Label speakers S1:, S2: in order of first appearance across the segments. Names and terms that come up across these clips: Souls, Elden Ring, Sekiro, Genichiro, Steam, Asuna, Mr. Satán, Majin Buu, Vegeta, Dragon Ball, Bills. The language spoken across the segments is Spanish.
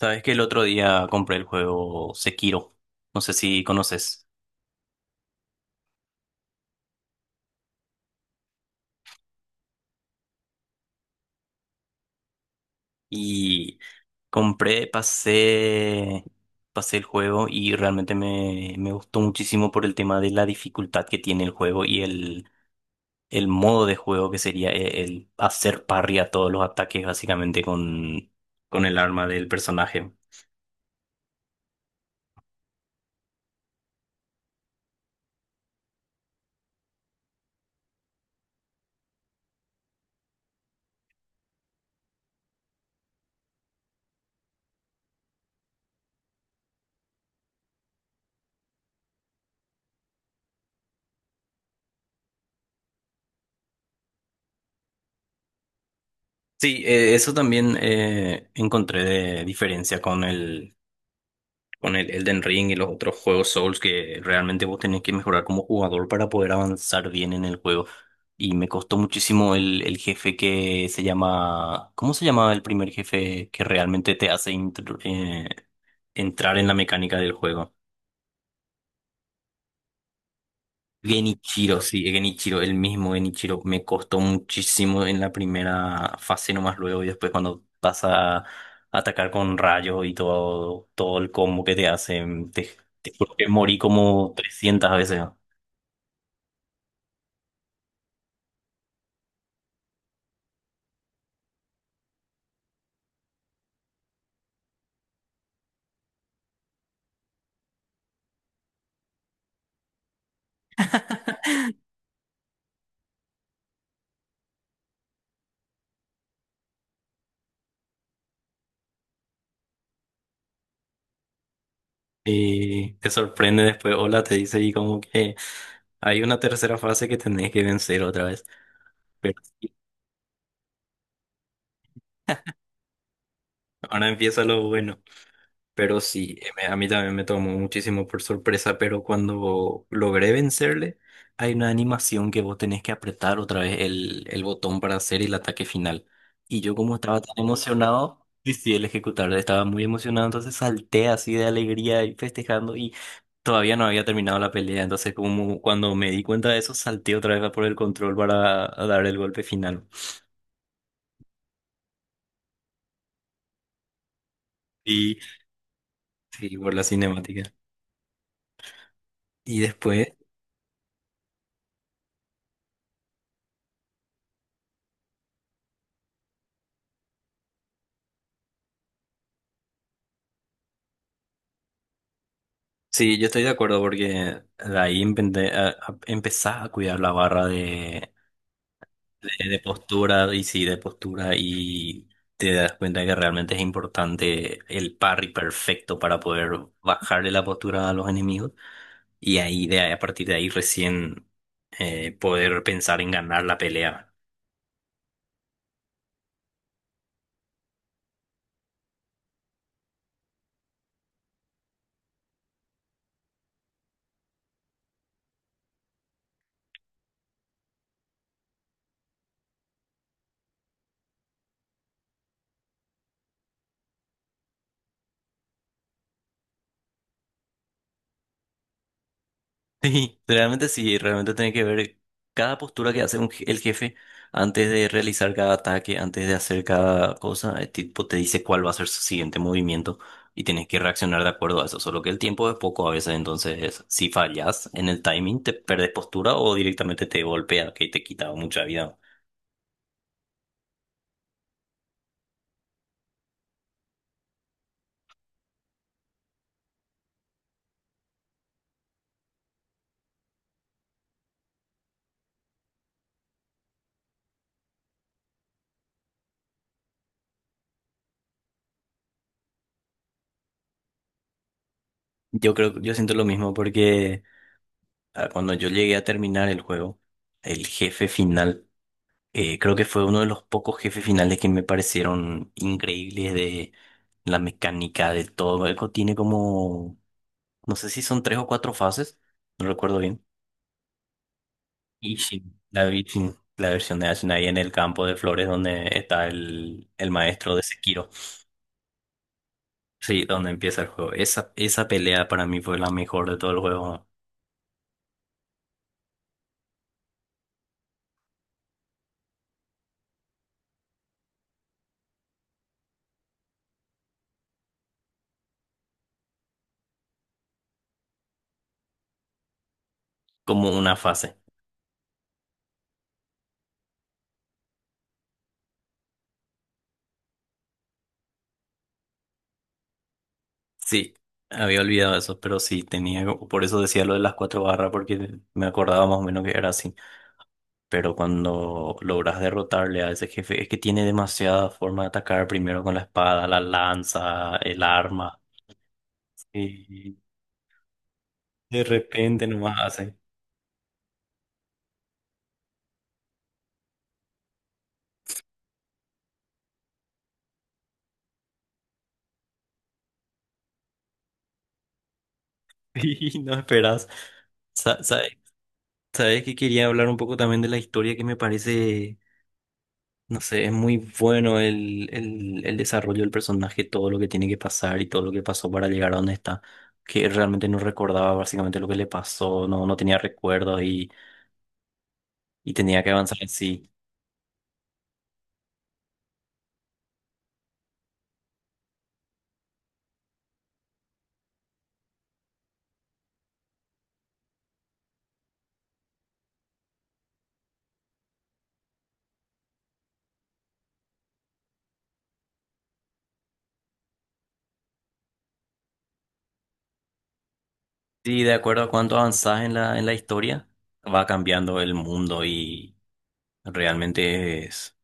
S1: Sabes que el otro día compré el juego Sekiro, no sé si conoces, y compré, pasé, pasé el juego y realmente me gustó muchísimo por el tema de la dificultad que tiene el juego y el modo de juego que sería el hacer parry a todos los ataques básicamente con el arma del personaje. Sí, eso también encontré de diferencia con el Elden Ring y los otros juegos Souls, que realmente vos tenés que mejorar como jugador para poder avanzar bien en el juego. Y me costó muchísimo el jefe que se llama… ¿Cómo se llama el primer jefe que realmente te hace entrar en la mecánica del juego? Genichiro, sí, Genichiro, el mismo Genichiro. Me costó muchísimo en la primera fase nomás luego, y después cuando pasa a atacar con rayos y todo, todo el combo que te hacen, te juro que morí como 300 veces. Y te sorprende después, hola, te dice, y como que hay una tercera fase que tenés que vencer otra vez. Pero sí, ahora empieza lo bueno. Pero sí, a mí también me tomó muchísimo por sorpresa, pero cuando logré vencerle, hay una animación que vos tenés que apretar otra vez el botón para hacer el ataque final. Y yo, como estaba tan emocionado, decidí el ejecutar, estaba muy emocionado, entonces salté así de alegría y festejando, y todavía no había terminado la pelea, entonces como cuando me di cuenta de eso, salté otra vez a por el control para dar el golpe final. Y sí, por la cinemática. Y después… Sí, yo estoy de acuerdo porque de ahí empezás a cuidar la barra de postura. Y sí, de postura, y te das cuenta que realmente es importante el parry perfecto para poder bajarle la postura a los enemigos, y ahí a partir de ahí recién poder pensar en ganar la pelea. Sí, realmente tiene que ver cada postura que hace el jefe antes de realizar cada ataque, antes de hacer cada cosa. El tipo te dice cuál va a ser su siguiente movimiento, y tienes que reaccionar de acuerdo a eso, solo que el tiempo es poco a veces, entonces si fallas en el timing te perdes postura o directamente te golpea, que te quita mucha vida. Yo creo, yo siento lo mismo porque, ah, cuando yo llegué a terminar el juego, el jefe final… creo que fue uno de los pocos jefes finales que me parecieron increíbles, de la mecánica, de todo. Eco tiene como, no sé si son tres o cuatro fases, no recuerdo bien. Y sí, sí, la versión de Asuna ahí en el campo de flores donde está el maestro de Sekiro. Sí, donde empieza el juego. Esa pelea para mí fue la mejor de todo el juego, como una fase. Sí, había olvidado eso, pero sí, tenía, por eso decía lo de las cuatro barras, porque me acordaba más o menos que era así. Pero cuando logras derrotarle a ese jefe, es que tiene demasiada forma de atacar, primero con la espada, la lanza, el arma. Y de repente nomás hace. Y no esperas. Sa- sabe- Sabes que quería hablar un poco también de la historia, que me parece, no sé, es muy bueno el desarrollo del personaje, todo lo que tiene que pasar y todo lo que pasó para llegar a donde está, que realmente no recordaba básicamente lo que le pasó, no tenía recuerdos, y tenía que avanzar así. Sí, de acuerdo a cuánto avanzás en la historia, va cambiando el mundo, y realmente es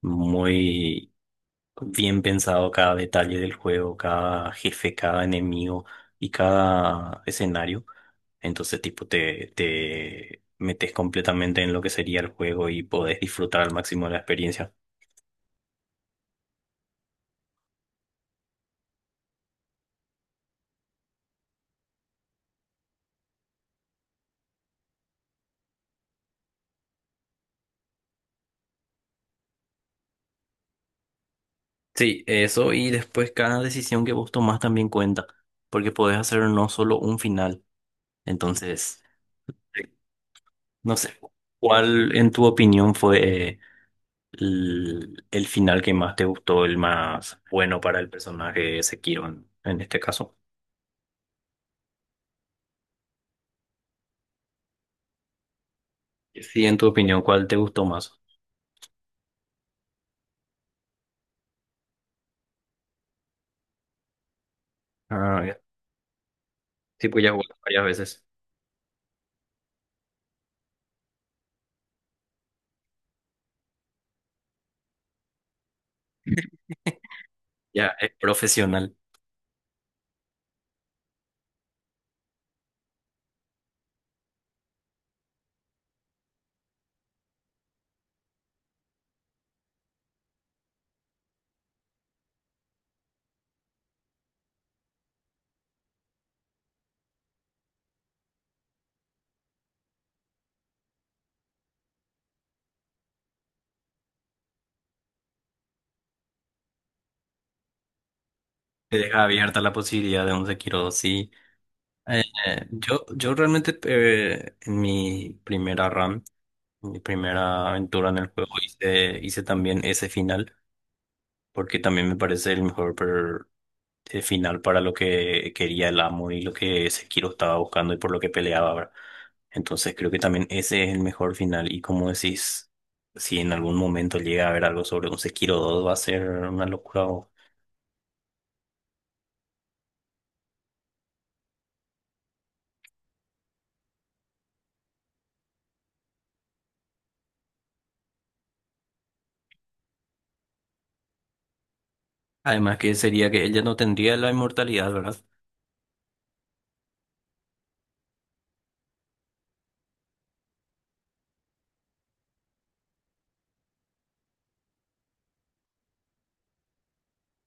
S1: muy bien pensado cada detalle del juego, cada jefe, cada enemigo y cada escenario. Entonces, tipo, te metes completamente en lo que sería el juego, y podés disfrutar al máximo de la experiencia. Sí, eso, y después cada decisión que vos tomás también cuenta, porque podés hacer no solo un final. Entonces… No sé, ¿cuál en tu opinión fue, el final que más te gustó, el más bueno para el personaje de Sekiro en este caso? Sí, en tu opinión, ¿cuál te gustó más? Ah, ya. Sí, pues ya jugó varias veces. Ya es profesional. Te deja abierta la posibilidad de un Sekiro dos. Sí, Eh, yo, yo realmente, en mi primera run, en mi primera aventura en el juego, hice, hice también ese final, porque también me parece el mejor, el final para lo que quería el amo y lo que Sekiro estaba buscando y por lo que peleaba, ¿verdad? Entonces creo que también ese es el mejor final, y como decís, si en algún momento llega a haber algo sobre un Sekiro dos, va a ser una locura. Además que sería que ella no tendría la inmortalidad, ¿verdad?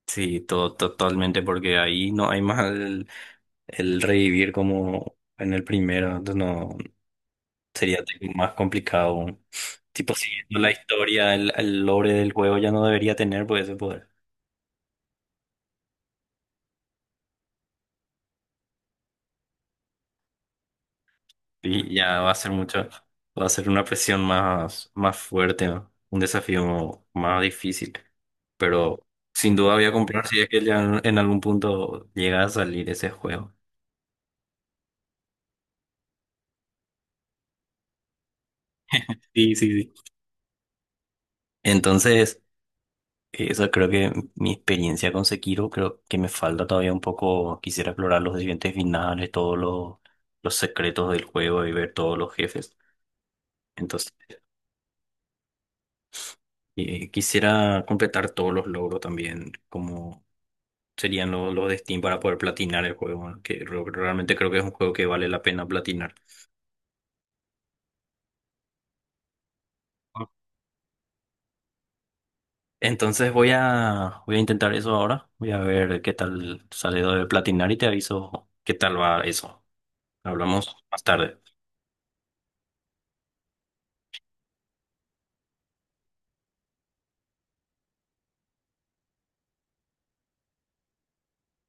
S1: Sí, totalmente, porque ahí no hay más el revivir como en el primero, entonces no sería tipo más complicado. Tipo, siguiendo la historia, el lore del juego ya no debería tener, pues, ese poder. Y ya va a ser mucho, va a ser una presión más, más fuerte, ¿no? Un desafío más difícil. Pero sin duda voy a comprar si es que ya en algún punto llega a salir ese juego. Sí, sí, sí. Entonces, eso creo que mi experiencia con Sekiro, creo que me falta todavía un poco. Quisiera explorar los siguientes finales, todos los secretos del juego y ver todos los jefes. Entonces, quisiera completar todos los logros también, como serían los de Steam, para poder platinar el juego, ¿no? Que realmente creo que es un juego que vale la pena platinar. Ah, entonces voy a, voy a intentar eso ahora, voy a ver qué tal sale lo de platinar y te aviso qué tal va eso. Hablamos más tarde.